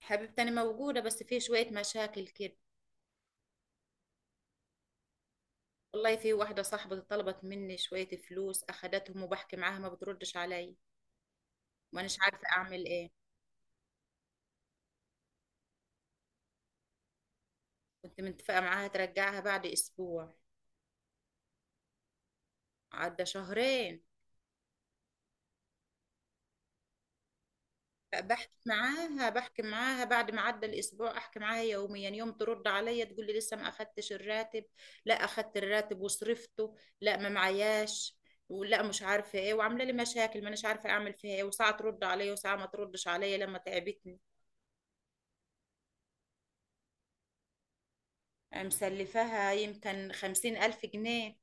حبيبتي، أنا موجودة بس في شوية مشاكل كده. والله في واحدة صاحبتي طلبت مني شوية فلوس أخدتهم وبحكي معاها ما بتردش علي وأناش عارفة أعمل إيه. كنت متفقة معاها ترجعها بعد أسبوع. عدى شهرين. بحكي معاها بعد ما عدى الأسبوع أحكي معاها يوميا، يوم ترد عليا تقول لي لسه ما أخدتش الراتب، لا أخدت الراتب وصرفته، لا ما معياش، ولا مش عارفه ايه، وعامله لي مشاكل، ما اناش عارفه اعمل فيها ايه. وساعه ترد عليا وساعه ما تردش عليا لما تعبتني. مسلفاها يمكن 50,000 جنيه.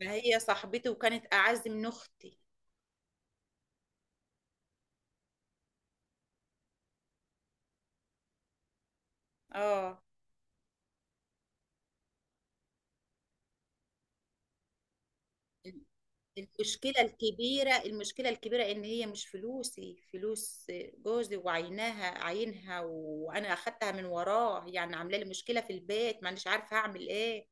فهي صاحبتي وكانت أعز من أختي. اه. المشكلة الكبيرة إن هي مش فلوسي، فلوس جوزي وعيناها عينها وأنا أخدتها من وراه. يعني عاملة لي مشكلة في البيت، مانيش عارفة أعمل إيه.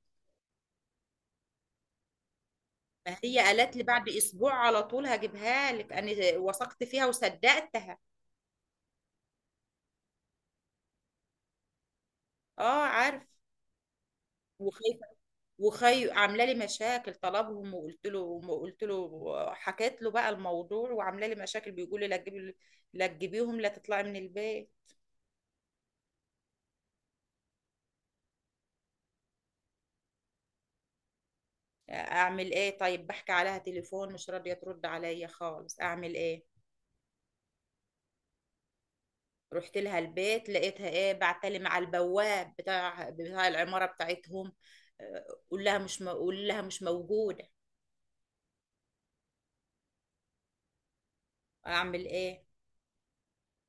فهي قالت لي بعد أسبوع على طول هجيبها لك، أنا وثقت فيها وصدقتها. اه، عارف. وخايفة. وخي عامله لي مشاكل طلبهم، وقلت له حكيت له بقى الموضوع، وعامله لي مشاكل، بيقول لي لا تجيبيهم، لا تطلعي من البيت. اعمل ايه طيب؟ بحكي عليها تليفون مش راضيه ترد عليا خالص، اعمل ايه؟ رحت لها البيت لقيتها ايه؟ بعتلي مع البواب بتاع العماره بتاعتهم. قول لها مش موجوده. اعمل ايه؟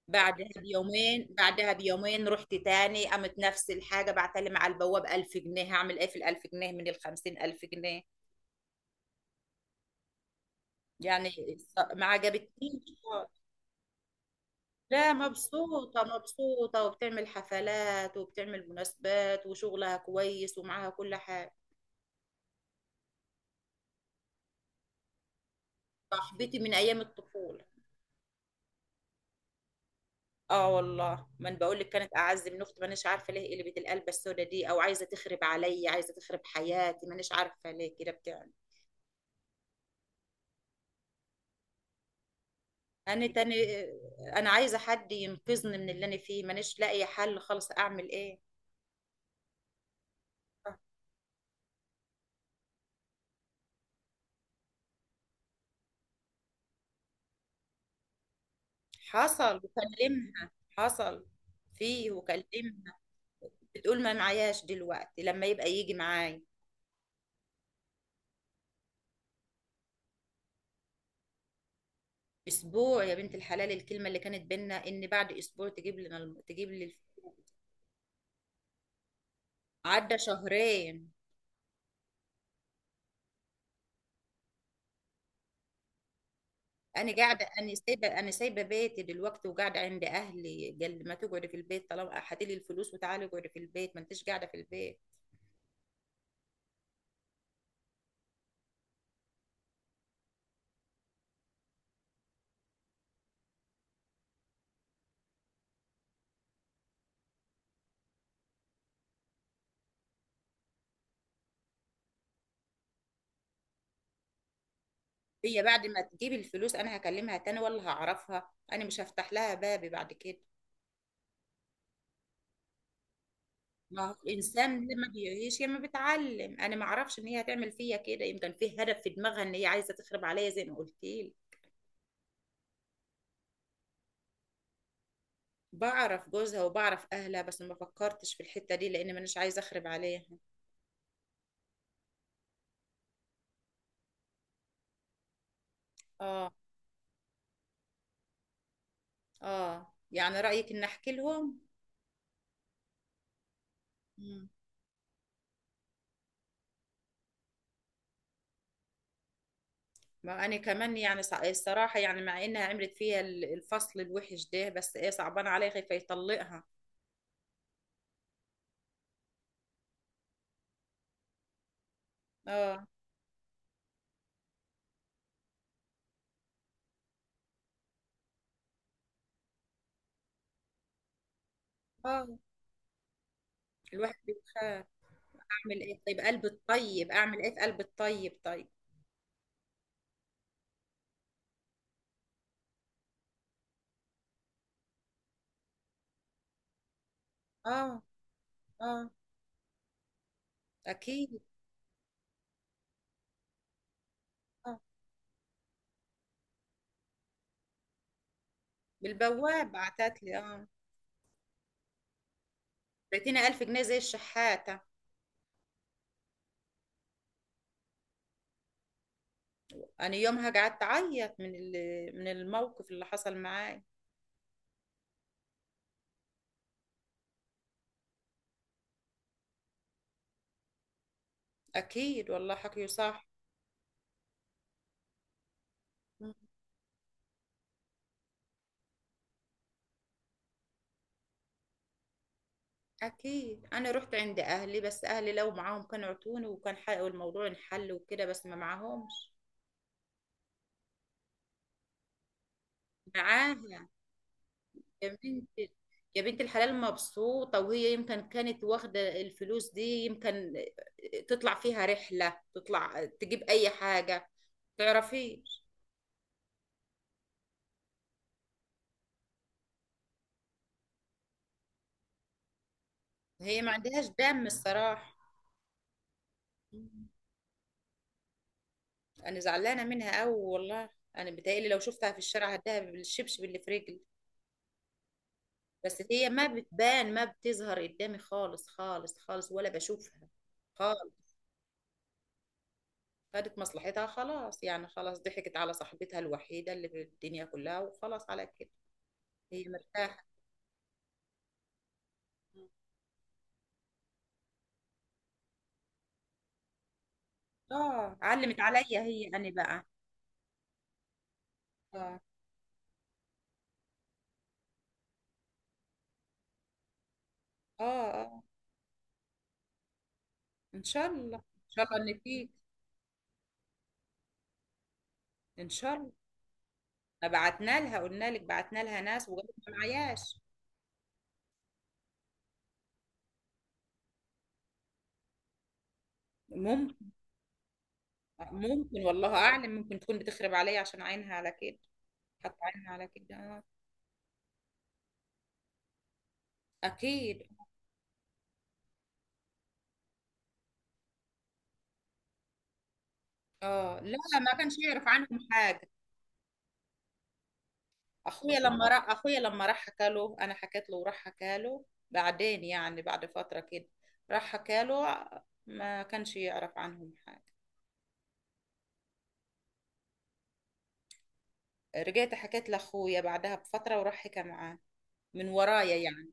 بعدها بيومين رحت تاني، قامت نفس الحاجة، بعتلم على البواب 1,000 جنيه. هعمل ايه في الألف جنيه من الخمسين ألف جنيه؟ يعني ما عجبتنيش. لا، مبسوطة مبسوطة وبتعمل حفلات وبتعمل مناسبات وشغلها كويس ومعاها كل حاجة. صاحبتي من أيام الطفولة. اه والله، ما انا بقول لك كانت اعز من اختي. مانيش عارفه ليه قلبت القلبه السودا دي، او عايزه تخرب عليا، عايزه تخرب حياتي، مانيش عارفه ليه كده بتعمل. انا تاني، انا عايزه حد ينقذني من اللي انا فيه، مانيش لاقي حل خالص، اعمل ايه؟ حصل وكلمها. حصل، فيه وكلمها. بتقول ما معياش دلوقتي، لما يبقى يجي معاي. اسبوع يا بنت الحلال الكلمه اللي كانت بينا ان بعد اسبوع تجيب لي الف-. عدى شهرين. انا سايبه بيتي دلوقتي وقاعده عند اهلي. قال لي ما تقعدي في البيت، طالما هاتي لي الفلوس وتعالي اقعدي في البيت، ما انتش قاعده في البيت. هي بعد ما تجيب الفلوس انا هكلمها تاني؟ ولا هعرفها انا مش هفتح لها بابي بعد كده. ما هو الانسان لما بيعيش يا ما بيتعلم، انا ما اعرفش ان هي هتعمل فيا كده، يمكن في هدف في دماغها ان هي عايزه تخرب عليا زي ما قلت لي. بعرف جوزها وبعرف اهلها، بس ما فكرتش في الحته دي لان مانيش عايزه اخرب عليها. اه، اه، يعني رايك ان احكي لهم. مم. ما انا كمان يعني الصراحه، يعني مع انها عملت فيها الفصل الوحش ده، بس ايه صعبان عليا، خايفه يطلقها. اه، اه، الواحد بيخاف. اعمل ايه طيب، قلب الطيب؟ اعمل ايه في قلب الطيب طيب؟ اه، اه، اكيد. اه. بالبواب بعتت لي، اه. بعتيني 1000 جنيه زي الشحاتة. انا يومها قعدت اعيط من الموقف اللي حصل معاي. اكيد والله حكيه صح. مم. اكيد، انا رحت عند اهلي، بس اهلي لو معاهم كانوا عطوني وكان حقق الموضوع انحل وكده، بس ما معاهمش. معاها. يا بنت يا بنت الحلال، مبسوطة. وهي يمكن كانت واخدة الفلوس دي، يمكن تطلع فيها رحلة، تطلع تجيب أي حاجة، تعرفيش. هي ما عندهاش دم الصراحة. مم. أنا زعلانة منها أوي والله. أنا بتهيألي لو شفتها في الشارع هديها بالشبشب اللي في رجلي. بس هي ما بتبان، ما بتظهر قدامي خالص، خالص، خالص، ولا بشوفها خالص. خدت مصلحتها خلاص، يعني خلاص ضحكت على صاحبتها الوحيدة اللي في الدنيا كلها، وخلاص على كده. هي مرتاحة. اه، علمت عليا هي، انا بقى. اه، اه، اه، ان شاء الله، ان شاء الله، ان شاء الله. ما بعتنا لها، قلنا لك بعتنا لها ناس وقالت ما معياش. ممكن. ممكن والله اعلم، ممكن تكون بتخرب عليا عشان عينها على كده. حط عينها على كده، اه. اكيد. اه، لا ما كانش يعرف عنهم حاجه. اخويا لما راح حكى له، انا حكيت له، وراح حكى له. بعدين يعني بعد فتره كده، راح حكى له. ما كانش يعرف عنهم حاجه. رجعت حكيت لاخويا بعدها بفتره، وراح حكى معاه. من ورايا يعني.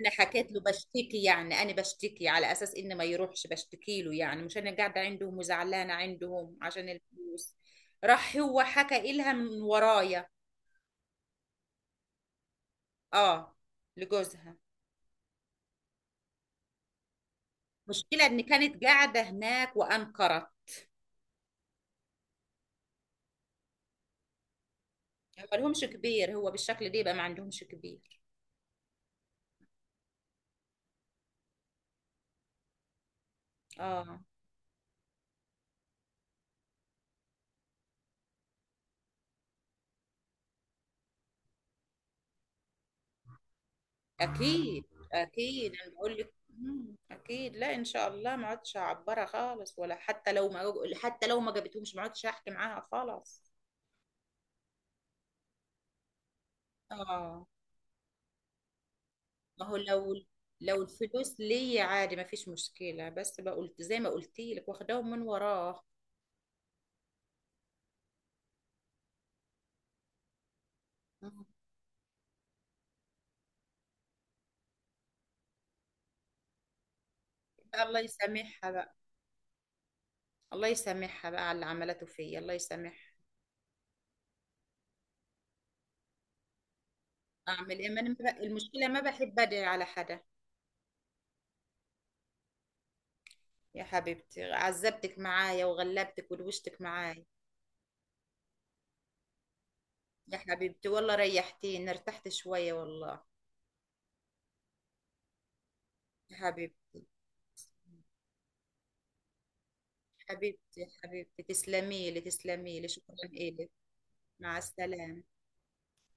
انا حكيت له بشتكي يعني، انا بشتكي على اساس انه ما يروحش بشتكي له، يعني مش انا قاعده عندهم وزعلانه عندهم عشان الفلوس. راح هو حكى إلها من ورايا. اه. لجوزها. مشكله ان كانت قاعده هناك وانكرت. ما لهمش كبير، هو بالشكل ده يبقى ما عندهمش كبير. اه، اكيد، اكيد انا بقول لك، اكيد لا، ان شاء الله ما عدتش هعبرها خالص، ولا حتى لو ما جابتهمش ما عدتش هحكي معاها خالص. اه. ما هو لو الفلوس ليا عادي ما فيش مشكله، بس بقى قلت زي ما قلت لك واخداهم من وراه. مم. الله يسامحها بقى. الله يسامحها بقى على اللي عملته فيا، الله يسامحها. اعمل ايه؟ ما انا ما بق- المشكله ما بحب ادعي على حدا. يا حبيبتي عذبتك معايا وغلبتك ودوشتك معايا. يا حبيبتي والله ريحتيني، ارتحت شوية والله. يا حبيبتي، حبيبتي، حبيبتي، تسلمي لي، تسلمي لي، شكرا إلك. مع السلامة.